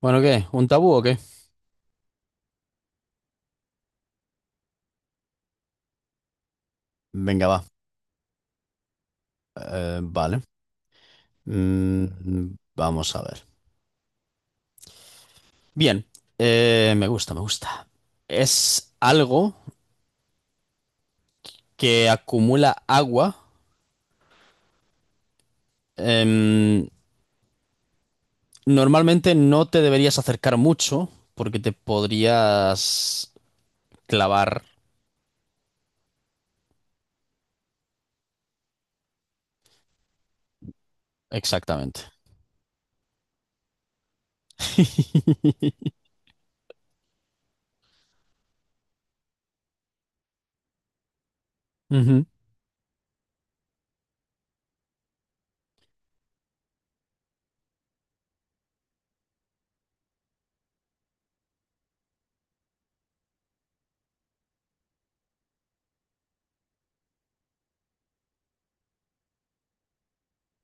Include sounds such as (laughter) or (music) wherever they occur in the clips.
Bueno, ¿qué? ¿Un tabú o qué? Venga, va. Vale. Mm, vamos a ver. Bien. Me gusta, me gusta. Es algo que acumula agua. Em, Normalmente no te deberías acercar mucho porque te podrías clavar exactamente. (laughs) Ujú.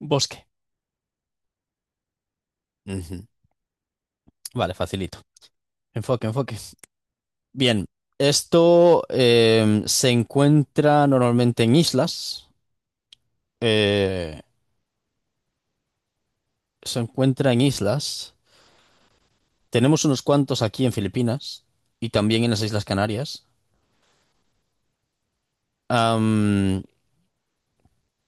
Bosque. Ujú. Vale, facilito. Enfoque, enfoque. Bien, esto se encuentra normalmente en islas. eh, Se encuentra en islas. Tenemos unos cuantos aquí en Filipinas y también en las Islas Canarias. Am,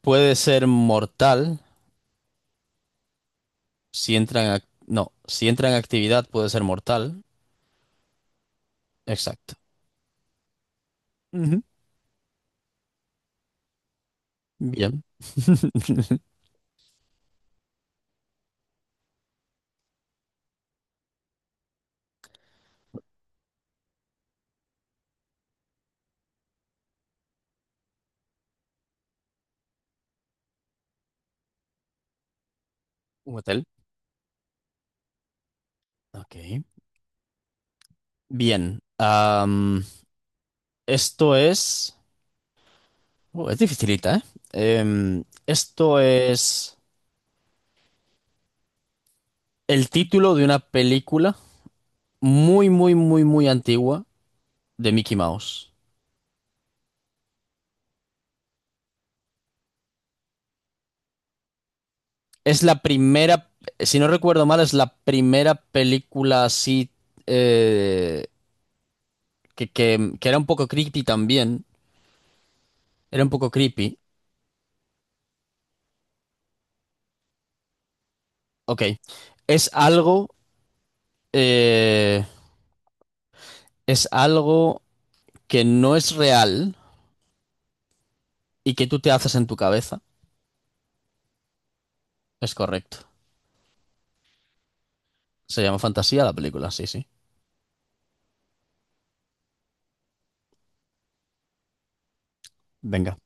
Puede ser mortal si entra en no, si entra en actividad puede ser mortal. Exacto. Ujú. Bien. (laughs) Un hotel. Ok. Bien. Esto es. Es dificilita, ¿eh? Em, esto es el título de una película muy, muy, muy, muy antigua de Mickey Mouse. Es la primera, si no recuerdo mal, es la primera película así eh, que era un poco creepy también. Era un poco creepy. Ok. Es algo, eh, es algo que no es real y que tú te haces en tu cabeza. Es correcto. Se llama Fantasía la película, sí, sí. Venga.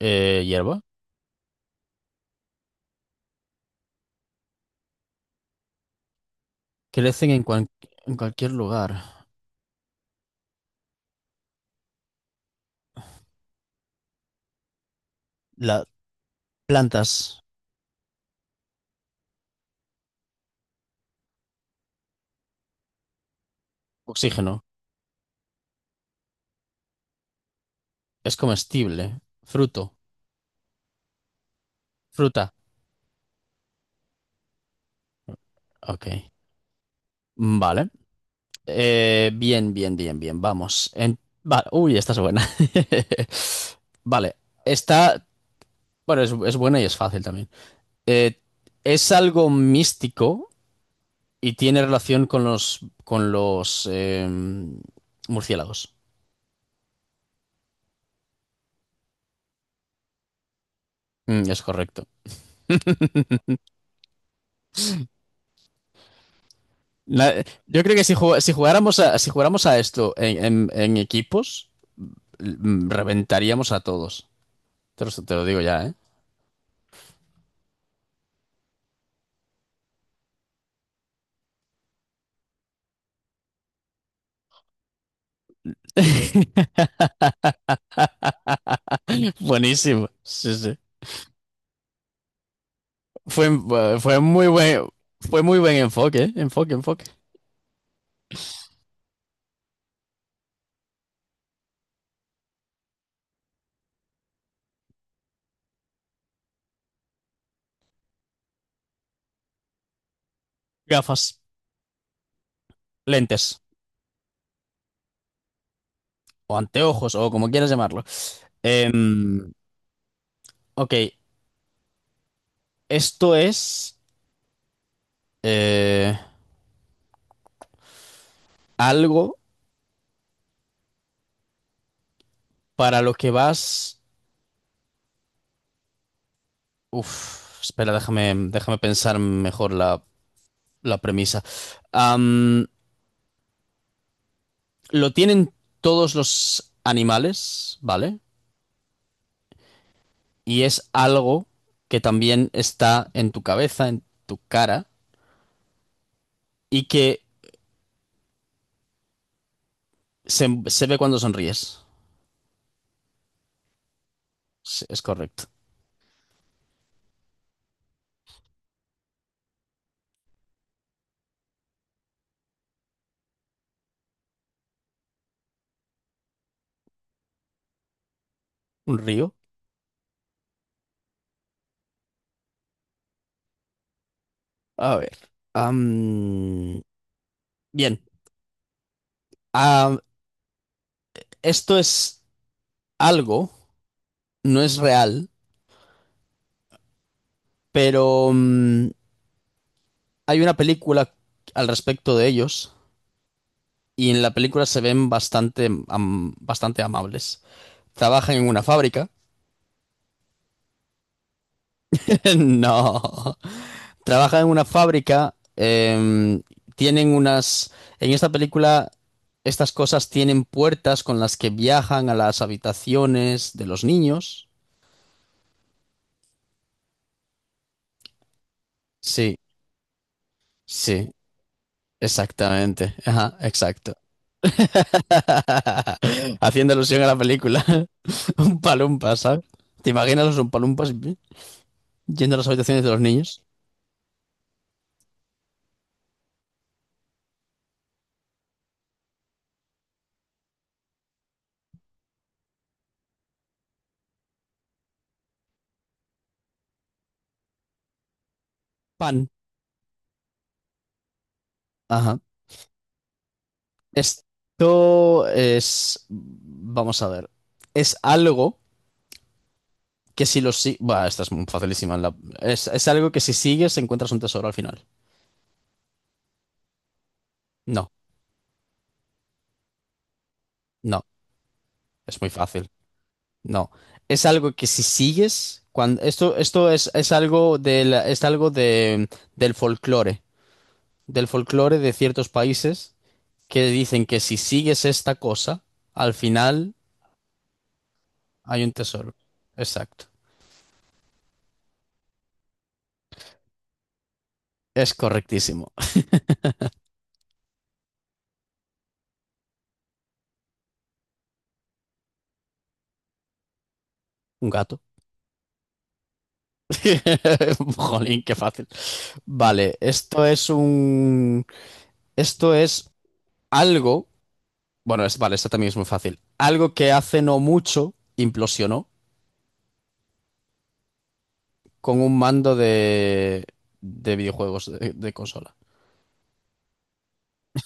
Hierba. Crecen en, en cualquier lugar. Las plantas, oxígeno. Es comestible. Fruto. Fruta. Ok. Vale. Bien, bien, bien, bien. Vamos. Uy, esta es buena. (laughs) Vale. Esta, bueno, es buena y es fácil también. Eh, es algo místico y tiene relación con los murciélagos. Mm, es correcto. Yo creo que si, si jugáramos a, si jugáramos a esto en, en equipos, mm, reventaríamos a todos. Te lo digo ya, ¿eh? (laughs) Buenísimo. Sí, sí. Fue, fue muy buen enfoque, ¿eh? Enfoque, enfoque. Gafas, lentes, o anteojos, o como quieras llamarlo. Em, ok, esto es eh, algo para lo que vas. Uf, espera, déjame, déjame pensar mejor la, la premisa. Am, lo tienen todos los animales, ¿vale? Y es algo que también está en tu cabeza, en tu cara, y que se ve cuando sonríes. Sí, es correcto. ¿Un río? A ver. Am, bien. Ah, esto es algo, no es real, pero mm, hay una película al respecto de ellos y en la película se ven bastante, bastante amables. Trabajan en una fábrica. (laughs) No. Trabajan en una fábrica, tienen unas... En esta película, estas cosas tienen puertas con las que viajan a las habitaciones de los niños. Sí, sí, exactamente. Ajá, exacto. (laughs) Haciendo alusión a la película. (laughs) Un palumpa, ¿sabes? ¿Te imaginas los palumpas yendo a las habitaciones de los niños? Pan. Ajá. Esto es... Vamos a ver. Es algo que si los sigues. Bah, esta es muy facilísima. Es algo que si sigues encuentras un tesoro al final. No, no, es muy fácil. No. Es algo que si sigues. Cuando... Esto es algo del, es algo de, del folclore. Del folclore de ciertos países que dicen que si sigues esta cosa, al final hay un tesoro. Exacto. Es correctísimo. Un gato. (laughs) Jolín, qué fácil. Vale, esto es un. Esto es algo. Bueno, es, vale, esta también es muy fácil. Algo que hace no mucho implosionó con un mando de videojuegos de consola.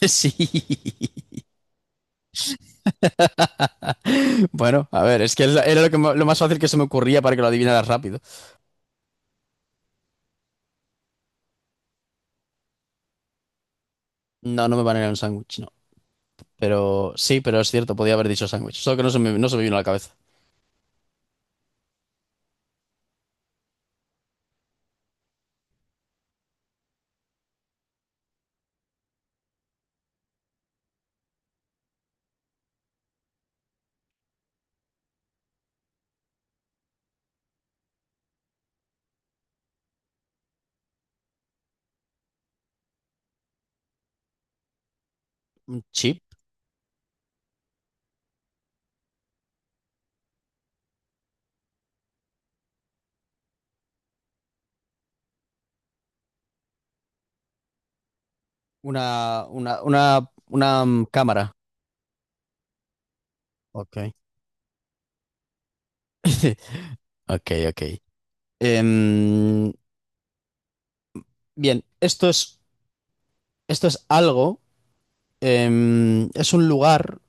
(laughs) Sí. Bueno, a ver, es que es era lo, que lo más fácil que se me ocurría para que lo adivinaras rápido. No, no me van a ir a un sándwich, no. Pero sí, pero es cierto, podía haber dicho sándwich. Solo que no se me, no se me vino a la cabeza. ¿Un chip? Una mm, cámara. Ok. (laughs) Ok, ok. Em, bien, esto es algo. Es un lugar,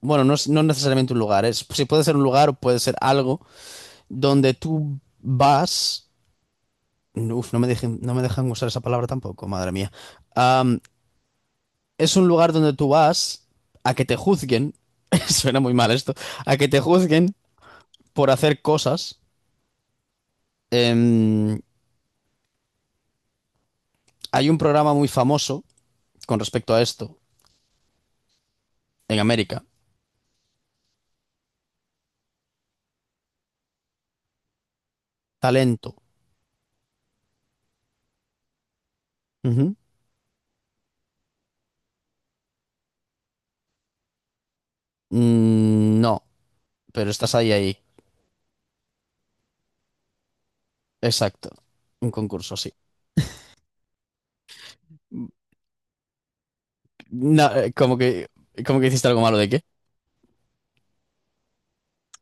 bueno, no es no necesariamente un lugar, es, sí, puede ser un lugar o puede ser algo donde tú vas. Uf, no me dejen, no me dejan usar esa palabra tampoco, madre mía. Am, es un lugar donde tú vas a que te juzguen, (laughs) suena muy mal esto, a que te juzguen por hacer cosas. Em, hay un programa muy famoso con respecto a esto en América, Talento. Ujú. Mm, no, pero estás ahí, ahí. Exacto. Un concurso, sí. No, como que hiciste algo malo de qué?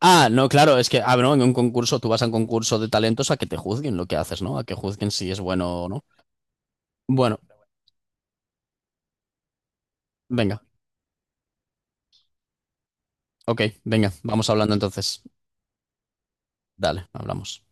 Ah, no, claro, es que, ah, bueno, en un concurso, tú vas a un concurso de talentos a que te juzguen lo que haces, ¿no? A que juzguen si es bueno o no. Bueno, venga, ok, venga, vamos hablando entonces. Dale, hablamos.